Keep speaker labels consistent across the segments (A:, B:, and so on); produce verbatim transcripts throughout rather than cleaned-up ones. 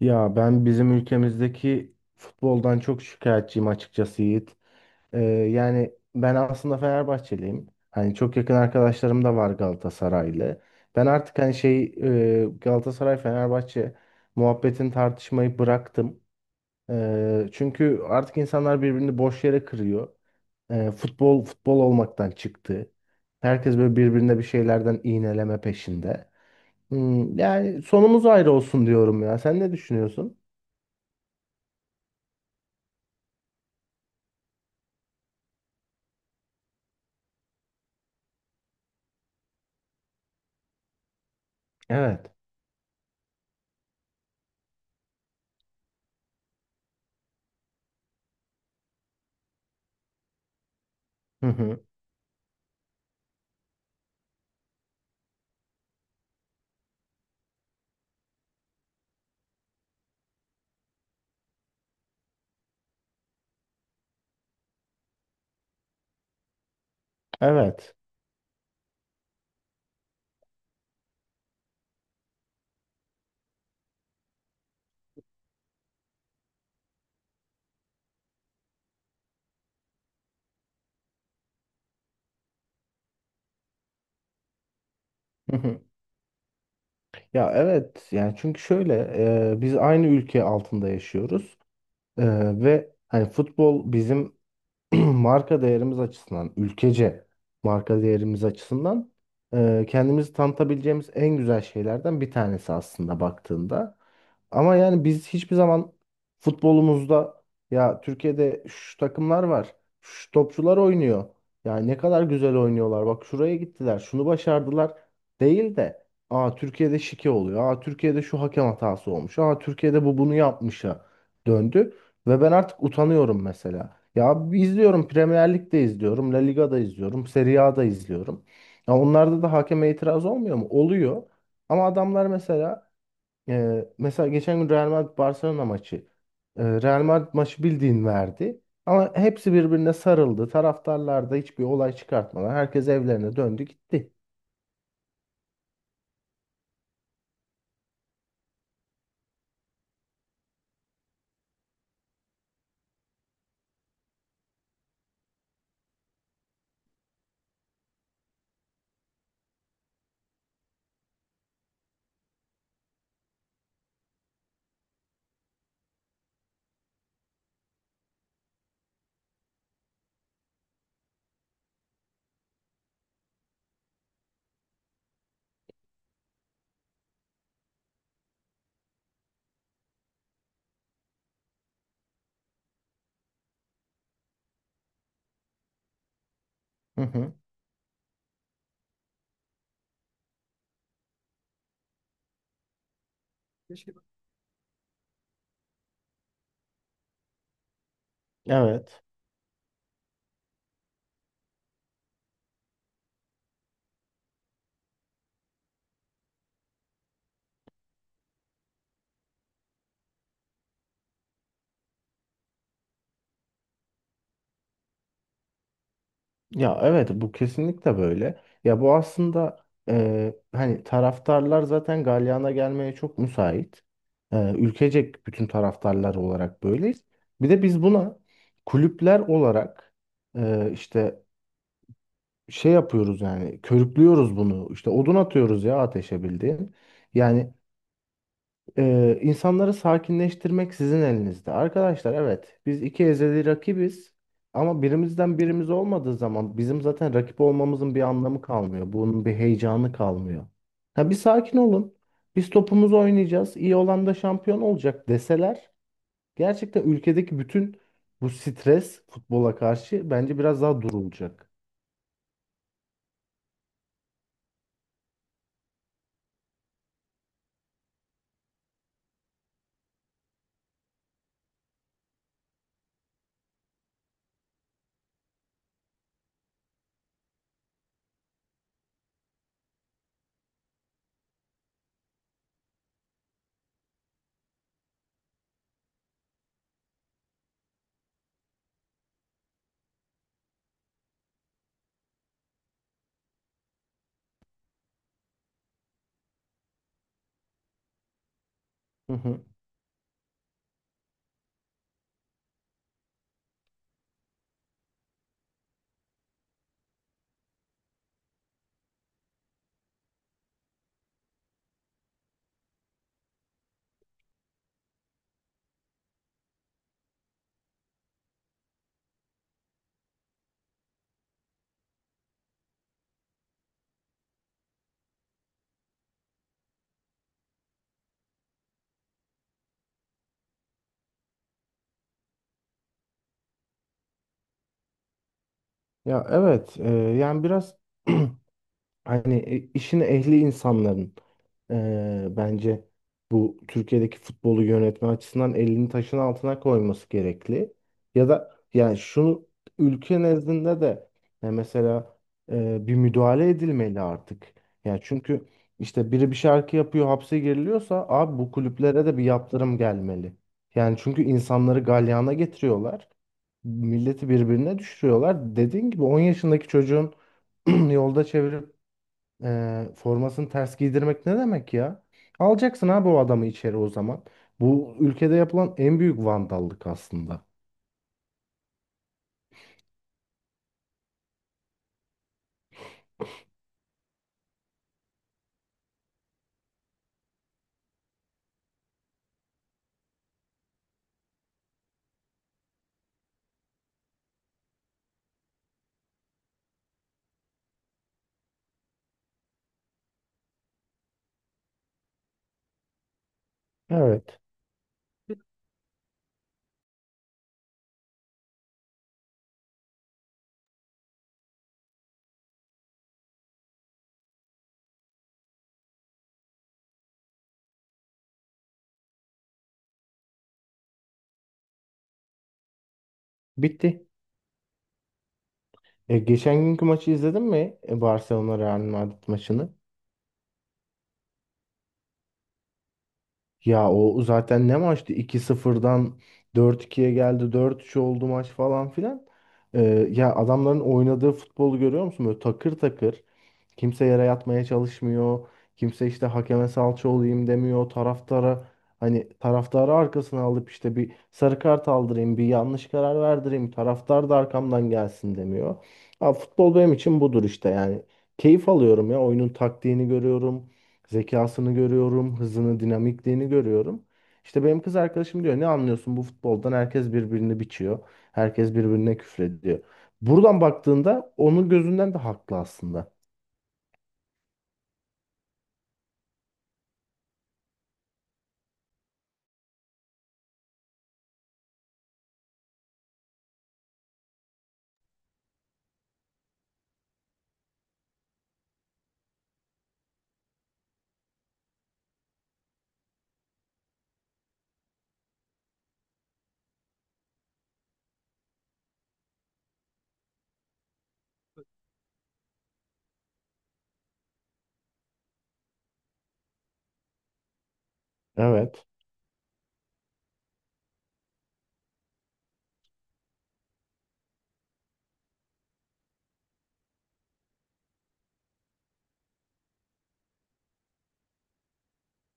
A: Ya ben bizim ülkemizdeki futboldan çok şikayetçiyim açıkçası Yiğit. Ee, yani ben aslında Fenerbahçeliyim. Hani çok yakın arkadaşlarım da var Galatasaraylı. Ben artık hani şey e, Galatasaray Fenerbahçe muhabbetin tartışmayı bıraktım. Ee, çünkü artık insanlar birbirini boş yere kırıyor. Ee, futbol futbol olmaktan çıktı. Herkes böyle birbirine bir şeylerden iğneleme peşinde. Hmm, yani sonumuz ayrı olsun diyorum ya. Sen ne düşünüyorsun? Evet. Hı hı. Evet. Hı hı. Ya evet, yani çünkü şöyle, e, biz aynı ülke altında yaşıyoruz. E, Ve hani futbol bizim marka değerimiz açısından, ülkece marka değerimiz açısından e, kendimizi tanıtabileceğimiz en güzel şeylerden bir tanesi aslında baktığında. Ama yani biz hiçbir zaman futbolumuzda ya Türkiye'de şu takımlar var, şu topçular oynuyor. Ya ne kadar güzel oynuyorlar. Bak şuraya gittiler, şunu başardılar değil de aa Türkiye'de şike oluyor. Aa Türkiye'de şu hakem hatası olmuş. Aa Türkiye'de bu bunu yapmışa döndü ve ben artık utanıyorum mesela. Ya izliyorum, Premier Lig'de izliyorum, La Liga'da izliyorum, Serie A'da izliyorum. Ya onlarda da hakeme itiraz olmuyor mu? Oluyor. Ama adamlar mesela, e, mesela geçen gün Real Madrid Barcelona maçı, e, Real Madrid maçı bildiğin verdi. Ama hepsi birbirine sarıldı. Taraftarlar da hiçbir olay çıkartmadan herkes evlerine döndü gitti. Hı hı. Evet. Ya evet, bu kesinlikle böyle. Ya bu aslında, e, hani taraftarlar zaten galyana gelmeye çok müsait. E, ülkecek bütün taraftarlar olarak böyleyiz. Bir de biz buna kulüpler olarak, e, işte şey yapıyoruz, yani körüklüyoruz bunu. İşte odun atıyoruz ya ateşe bildiğin. Yani ee, insanları sakinleştirmek sizin elinizde. Arkadaşlar, evet biz iki ezeli rakibiz ama birimizden birimiz olmadığı zaman bizim zaten rakip olmamızın bir anlamı kalmıyor. Bunun bir heyecanı kalmıyor. Ha bir sakin olun. Biz topumuzu oynayacağız, iyi olan da şampiyon olacak deseler gerçekten ülkedeki bütün bu stres futbola karşı bence biraz daha durulacak. Hı hı. Ya evet, e, yani biraz hani, e, işin ehli insanların, e, bence bu Türkiye'deki futbolu yönetme açısından elini taşın altına koyması gerekli. Ya da yani şunu, ülke nezdinde de, e, mesela e, bir müdahale edilmeli artık. Yani çünkü işte biri bir şarkı yapıyor hapse giriliyorsa abi bu kulüplere de bir yaptırım gelmeli. Yani çünkü insanları galyana getiriyorlar. Milleti birbirine düşürüyorlar. Dediğin gibi on yaşındaki çocuğun yolda çevirip ee, formasını ters giydirmek ne demek ya? Alacaksın abi o adamı içeri o zaman. Bu ülkede yapılan en büyük vandallık aslında. Evet. Bitti. E, geçen günkü maçı izledin mi? E, Barcelona Real Madrid maçını. Ya o zaten ne maçtı? iki sıfırdan dört ikiye geldi. Dört üç oldu maç falan filan. E, Ya adamların oynadığı futbolu görüyor musun? Böyle takır takır. Kimse yere yatmaya çalışmıyor. Kimse işte hakeme salça olayım demiyor. Taraftara hani taraftarı arkasına alıp işte bir sarı kart aldırayım, bir yanlış karar verdireyim. Taraftar da arkamdan gelsin demiyor. Ha, futbol benim için budur işte yani. Keyif alıyorum ya. Oyunun taktiğini görüyorum. Zekasını görüyorum. Hızını, dinamikliğini görüyorum. İşte benim kız arkadaşım diyor ne anlıyorsun bu futboldan? Herkes birbirini biçiyor. Herkes birbirine küfrediyor. Buradan baktığında onun gözünden de haklı aslında. Evet.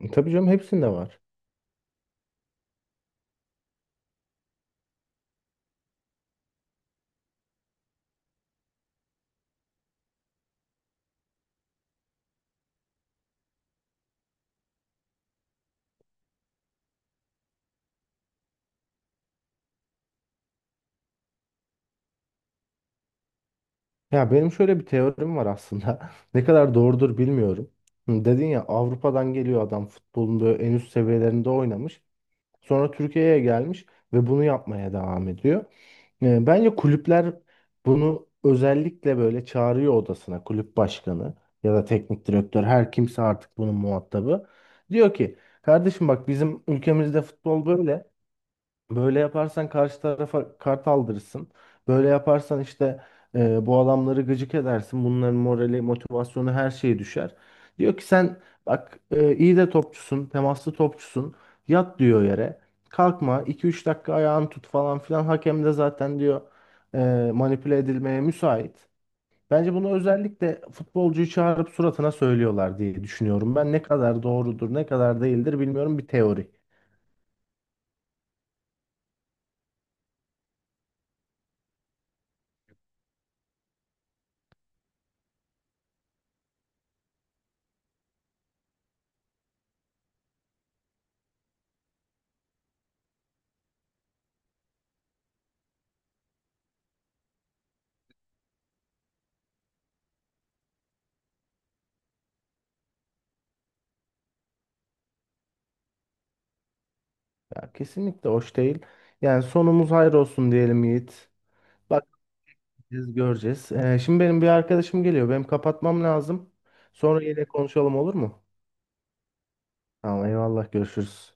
A: E, Tabii canım, hepsinde var. Ya benim şöyle bir teorim var aslında. Ne kadar doğrudur bilmiyorum. Hı, dedin ya Avrupa'dan geliyor adam futbolun böyle en üst seviyelerinde oynamış. Sonra Türkiye'ye gelmiş ve bunu yapmaya devam ediyor. E, Bence kulüpler bunu özellikle böyle çağırıyor odasına, kulüp başkanı ya da teknik direktör her kimse artık bunun muhatabı. Diyor ki kardeşim bak bizim ülkemizde futbol böyle. Böyle yaparsan karşı tarafa kart aldırırsın. Böyle yaparsan işte, e, bu adamları gıcık edersin. Bunların morali, motivasyonu her şeyi düşer. Diyor ki sen bak, e, iyi de topçusun, temaslı topçusun. Yat diyor yere. Kalkma iki üç dakika ayağını tut falan filan. Hakem de zaten diyor, e, manipüle edilmeye müsait. Bence bunu özellikle futbolcuyu çağırıp suratına söylüyorlar diye düşünüyorum. Ben ne kadar doğrudur, ne kadar değildir bilmiyorum, bir teori. Ya kesinlikle hoş değil. Yani sonumuz hayır olsun diyelim Yiğit. Bakacağız, göreceğiz. Ee, şimdi benim bir arkadaşım geliyor. Benim kapatmam lazım. Sonra yine konuşalım, olur mu? Tamam, eyvallah. Görüşürüz.